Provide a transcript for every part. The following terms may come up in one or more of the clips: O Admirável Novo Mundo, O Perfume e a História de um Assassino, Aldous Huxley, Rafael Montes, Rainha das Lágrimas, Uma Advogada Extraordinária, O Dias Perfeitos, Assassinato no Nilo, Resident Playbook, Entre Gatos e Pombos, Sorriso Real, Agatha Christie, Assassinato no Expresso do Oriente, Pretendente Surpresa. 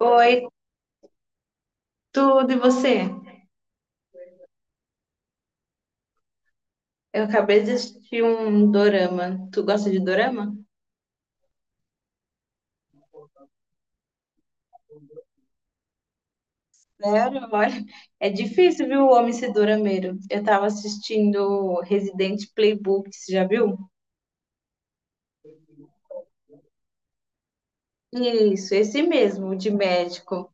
Oi, tudo e você? Eu acabei de assistir um dorama. Tu gosta de dorama? Sério? Olha, é difícil, viu, o homem ser dorameiro. Eu tava assistindo Resident Playbook, você já viu? Isso, esse mesmo, o de médico.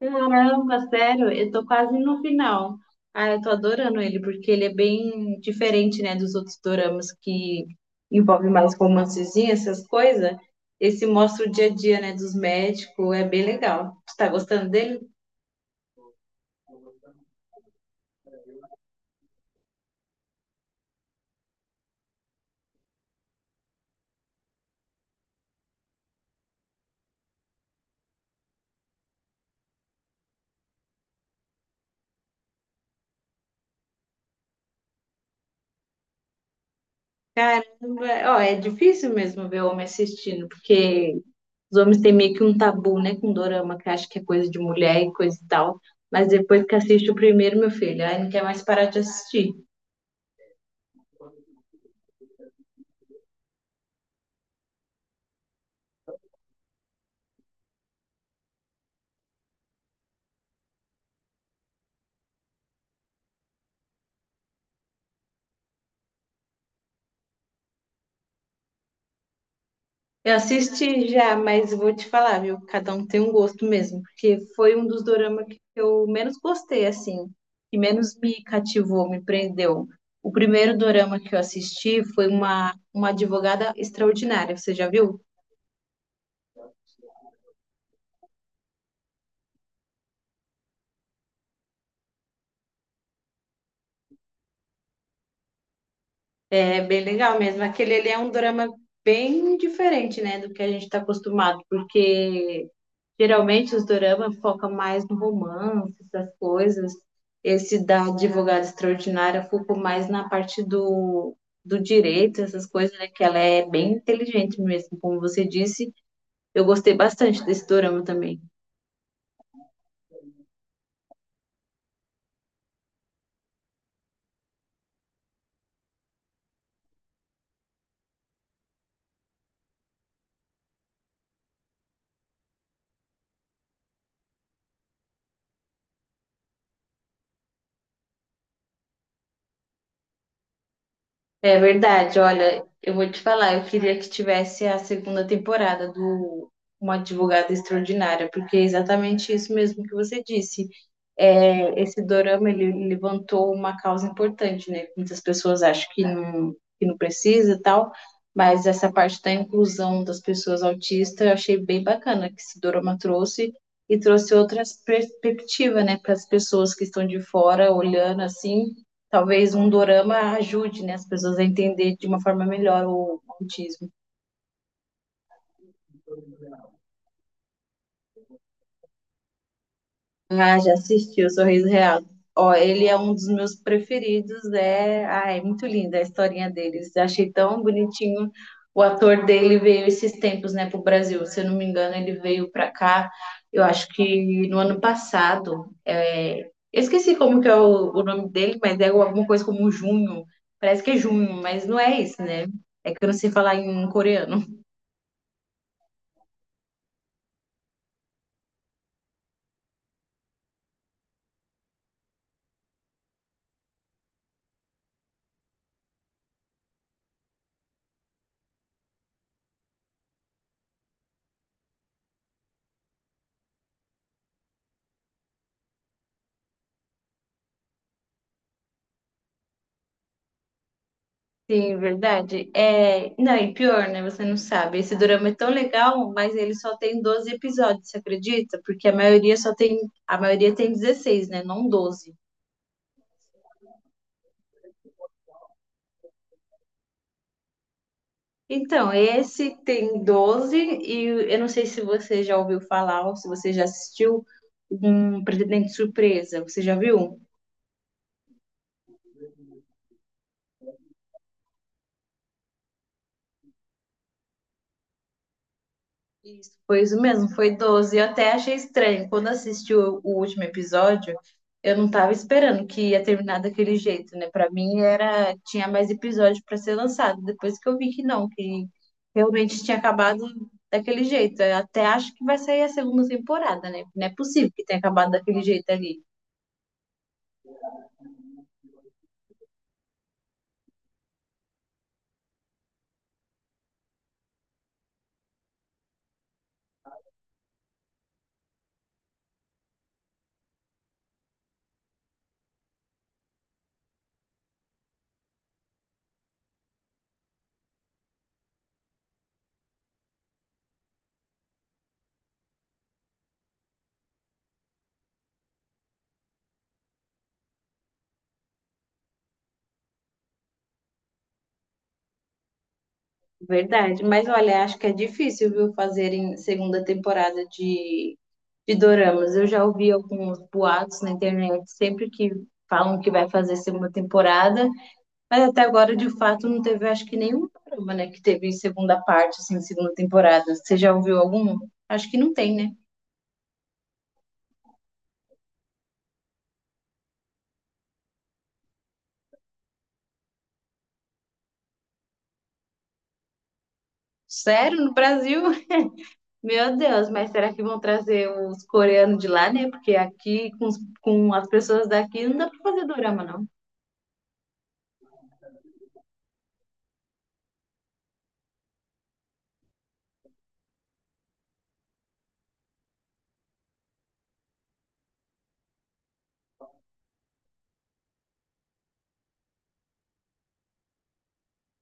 Caramba, sério, eu tô quase no final. Ah, eu tô adorando ele, porque ele é bem diferente, né, dos outros doramas que envolvem mais romancezinhos, essas coisas. Esse mostra o dia a dia, né, dos médicos, é bem legal. Você tá gostando dele? Caramba, ó, é difícil mesmo ver homem assistindo, porque os homens têm meio que um tabu, né, com dorama, que acha que é coisa de mulher e coisa e tal. Mas depois que assiste o primeiro, meu filho, aí não quer mais parar de assistir. Eu assisti já, mas vou te falar, viu? Cada um tem um gosto mesmo, porque foi um dos doramas que eu menos gostei, assim, que menos me cativou, me prendeu. O primeiro dorama que eu assisti foi uma advogada extraordinária, você já viu? É bem legal mesmo. Aquele ele é um drama bem diferente, né, do que a gente está acostumado, porque geralmente os doramas focam mais no romance, essas coisas. Esse da advogada extraordinária focou mais na parte do direito, essas coisas, né, que ela é bem inteligente mesmo, como você disse. Eu gostei bastante desse dorama também. É verdade, olha, eu vou te falar, eu queria que tivesse a segunda temporada do Uma Advogada Extraordinária, porque é exatamente isso mesmo que você disse é, esse dorama ele levantou uma causa importante, né? Muitas pessoas acham que não precisa e tal, mas essa parte da inclusão das pessoas autistas eu achei bem bacana que esse dorama trouxe e trouxe outras perspectivas, né, para as pessoas que estão de fora olhando assim. Talvez um dorama ajude, né, as pessoas a entender de uma forma melhor o autismo. Ah, já assisti o Sorriso Real. Ó, ele é um dos meus preferidos. É, ah, é muito linda a historinha deles. Achei tão bonitinho. O ator dele veio esses tempos, né, pro Brasil. Se eu não me engano, ele veio para cá. Eu acho que no ano passado. É, eu esqueci como que é o nome dele, mas é alguma coisa como Junho. Parece que é Junho, mas não é isso, né? É que eu não sei falar em coreano. Sim, verdade. É, não, e pior, né? Você não sabe. Esse dorama é tão legal, mas ele só tem 12 episódios, você acredita? Porque a maioria só tem, a maioria tem 16 né? Não 12. Então, esse tem 12 e eu não sei se você já ouviu falar ou se você já assistiu um Pretendente Surpresa. Você já viu? Isso, foi isso mesmo, foi 12. Eu até achei estranho. Quando assisti o último episódio, eu não tava esperando que ia terminar daquele jeito, né? Pra mim era, tinha mais episódio pra ser lançado. Depois que eu vi que não, que realmente tinha acabado daquele jeito. Eu até acho que vai sair a segunda temporada, né? Não é possível que tenha acabado daquele jeito ali. Verdade, mas olha, acho que é difícil, viu, fazerem segunda temporada de doramas. Eu já ouvi alguns boatos na internet, sempre que falam que vai fazer segunda temporada, mas até agora, de fato, não teve, acho que nenhum dorama, né, que teve segunda parte, assim, segunda temporada. Você já ouviu algum? Acho que não tem, né? Sério, no Brasil? Meu Deus, mas será que vão trazer os coreanos de lá, né? Porque aqui, com, os- com as pessoas daqui, não dá pra fazer dorama, não.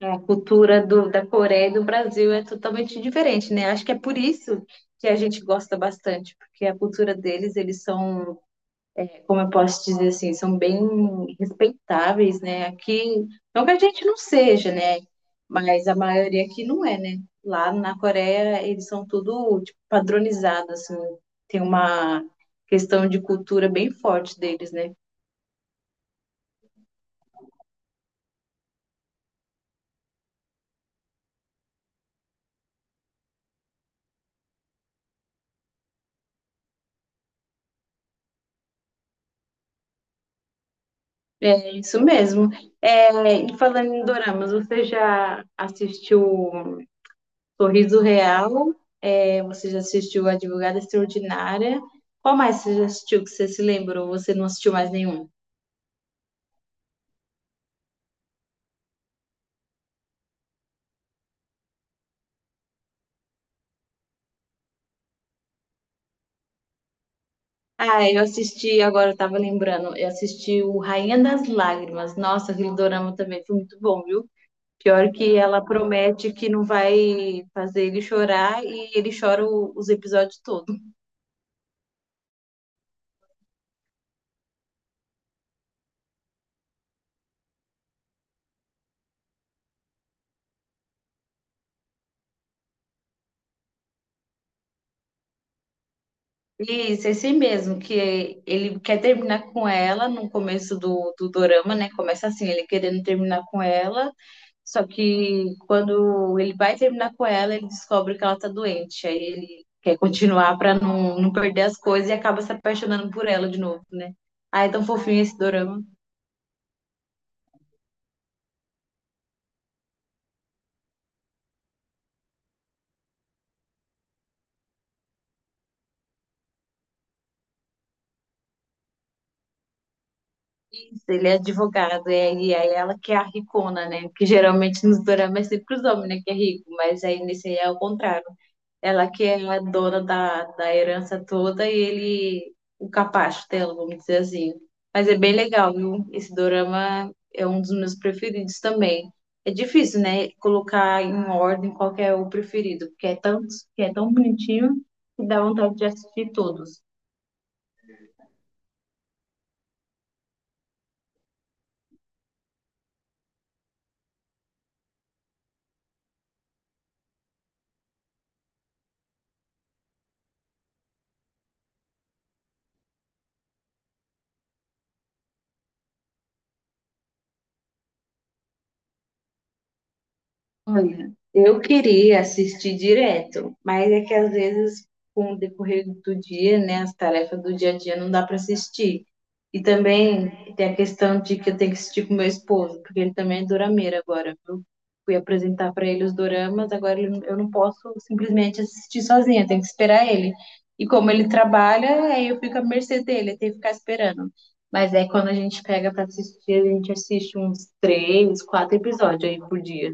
É, a cultura do, da Coreia e do Brasil é totalmente diferente, né? Acho que é por isso que a gente gosta bastante, porque a cultura deles, eles são, como eu posso dizer assim, são bem respeitáveis, né? Aqui, não que a gente não seja, né? Mas a maioria aqui não é, né? Lá na Coreia, eles são tudo, tipo, padronizado, assim. Tem uma questão de cultura bem forte deles, né? É isso mesmo. É, e falando em doramas, você já assistiu Sorriso Real, é, você já assistiu Advogada Extraordinária. Qual mais você já assistiu que você se lembrou? Você não assistiu mais nenhum? Ah, eu assisti, agora eu tava lembrando, eu assisti o Rainha das Lágrimas. Nossa, aquele dorama também foi muito bom, viu? Pior que ela promete que não vai fazer ele chorar e ele chora o- os episódios todos. E isso é assim mesmo, que ele quer terminar com ela no começo do dorama, né? Começa assim, ele querendo terminar com ela. Só que quando ele vai terminar com ela, ele descobre que ela tá doente. Aí ele quer continuar pra não, não perder as coisas e acaba se apaixonando por ela de novo, né? Ah, é tão fofinho esse dorama. Isso, ele é advogado, e aí ela que é a ricona, né? Porque geralmente nos doramas é sempre os homens, né, que é rico, mas aí nesse aí é o contrário. Ela que é a dona da herança toda e ele, o capacho dela, vamos dizer assim. Mas é bem legal, viu? Esse dorama é um dos meus preferidos também. É difícil, né? Colocar em ordem qual que é o preferido, porque é tanto, que é tão bonitinho que dá vontade de assistir todos. Olha, eu queria assistir direto, mas é que às vezes, com o decorrer do dia, né, as tarefas do dia a dia não dá para assistir. E também tem a questão de que eu tenho que assistir com meu esposo, porque ele também é dorameira agora, viu? Fui apresentar para ele os doramas, agora ele- eu não posso simplesmente assistir sozinha, eu tenho que esperar ele. E como ele trabalha, aí eu fico à mercê dele, eu tenho que ficar esperando. Mas é quando a gente pega para assistir, a gente assiste uns três, quatro episódios aí por dia.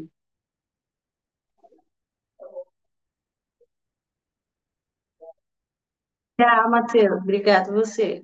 Ah, Matheus, obrigado você.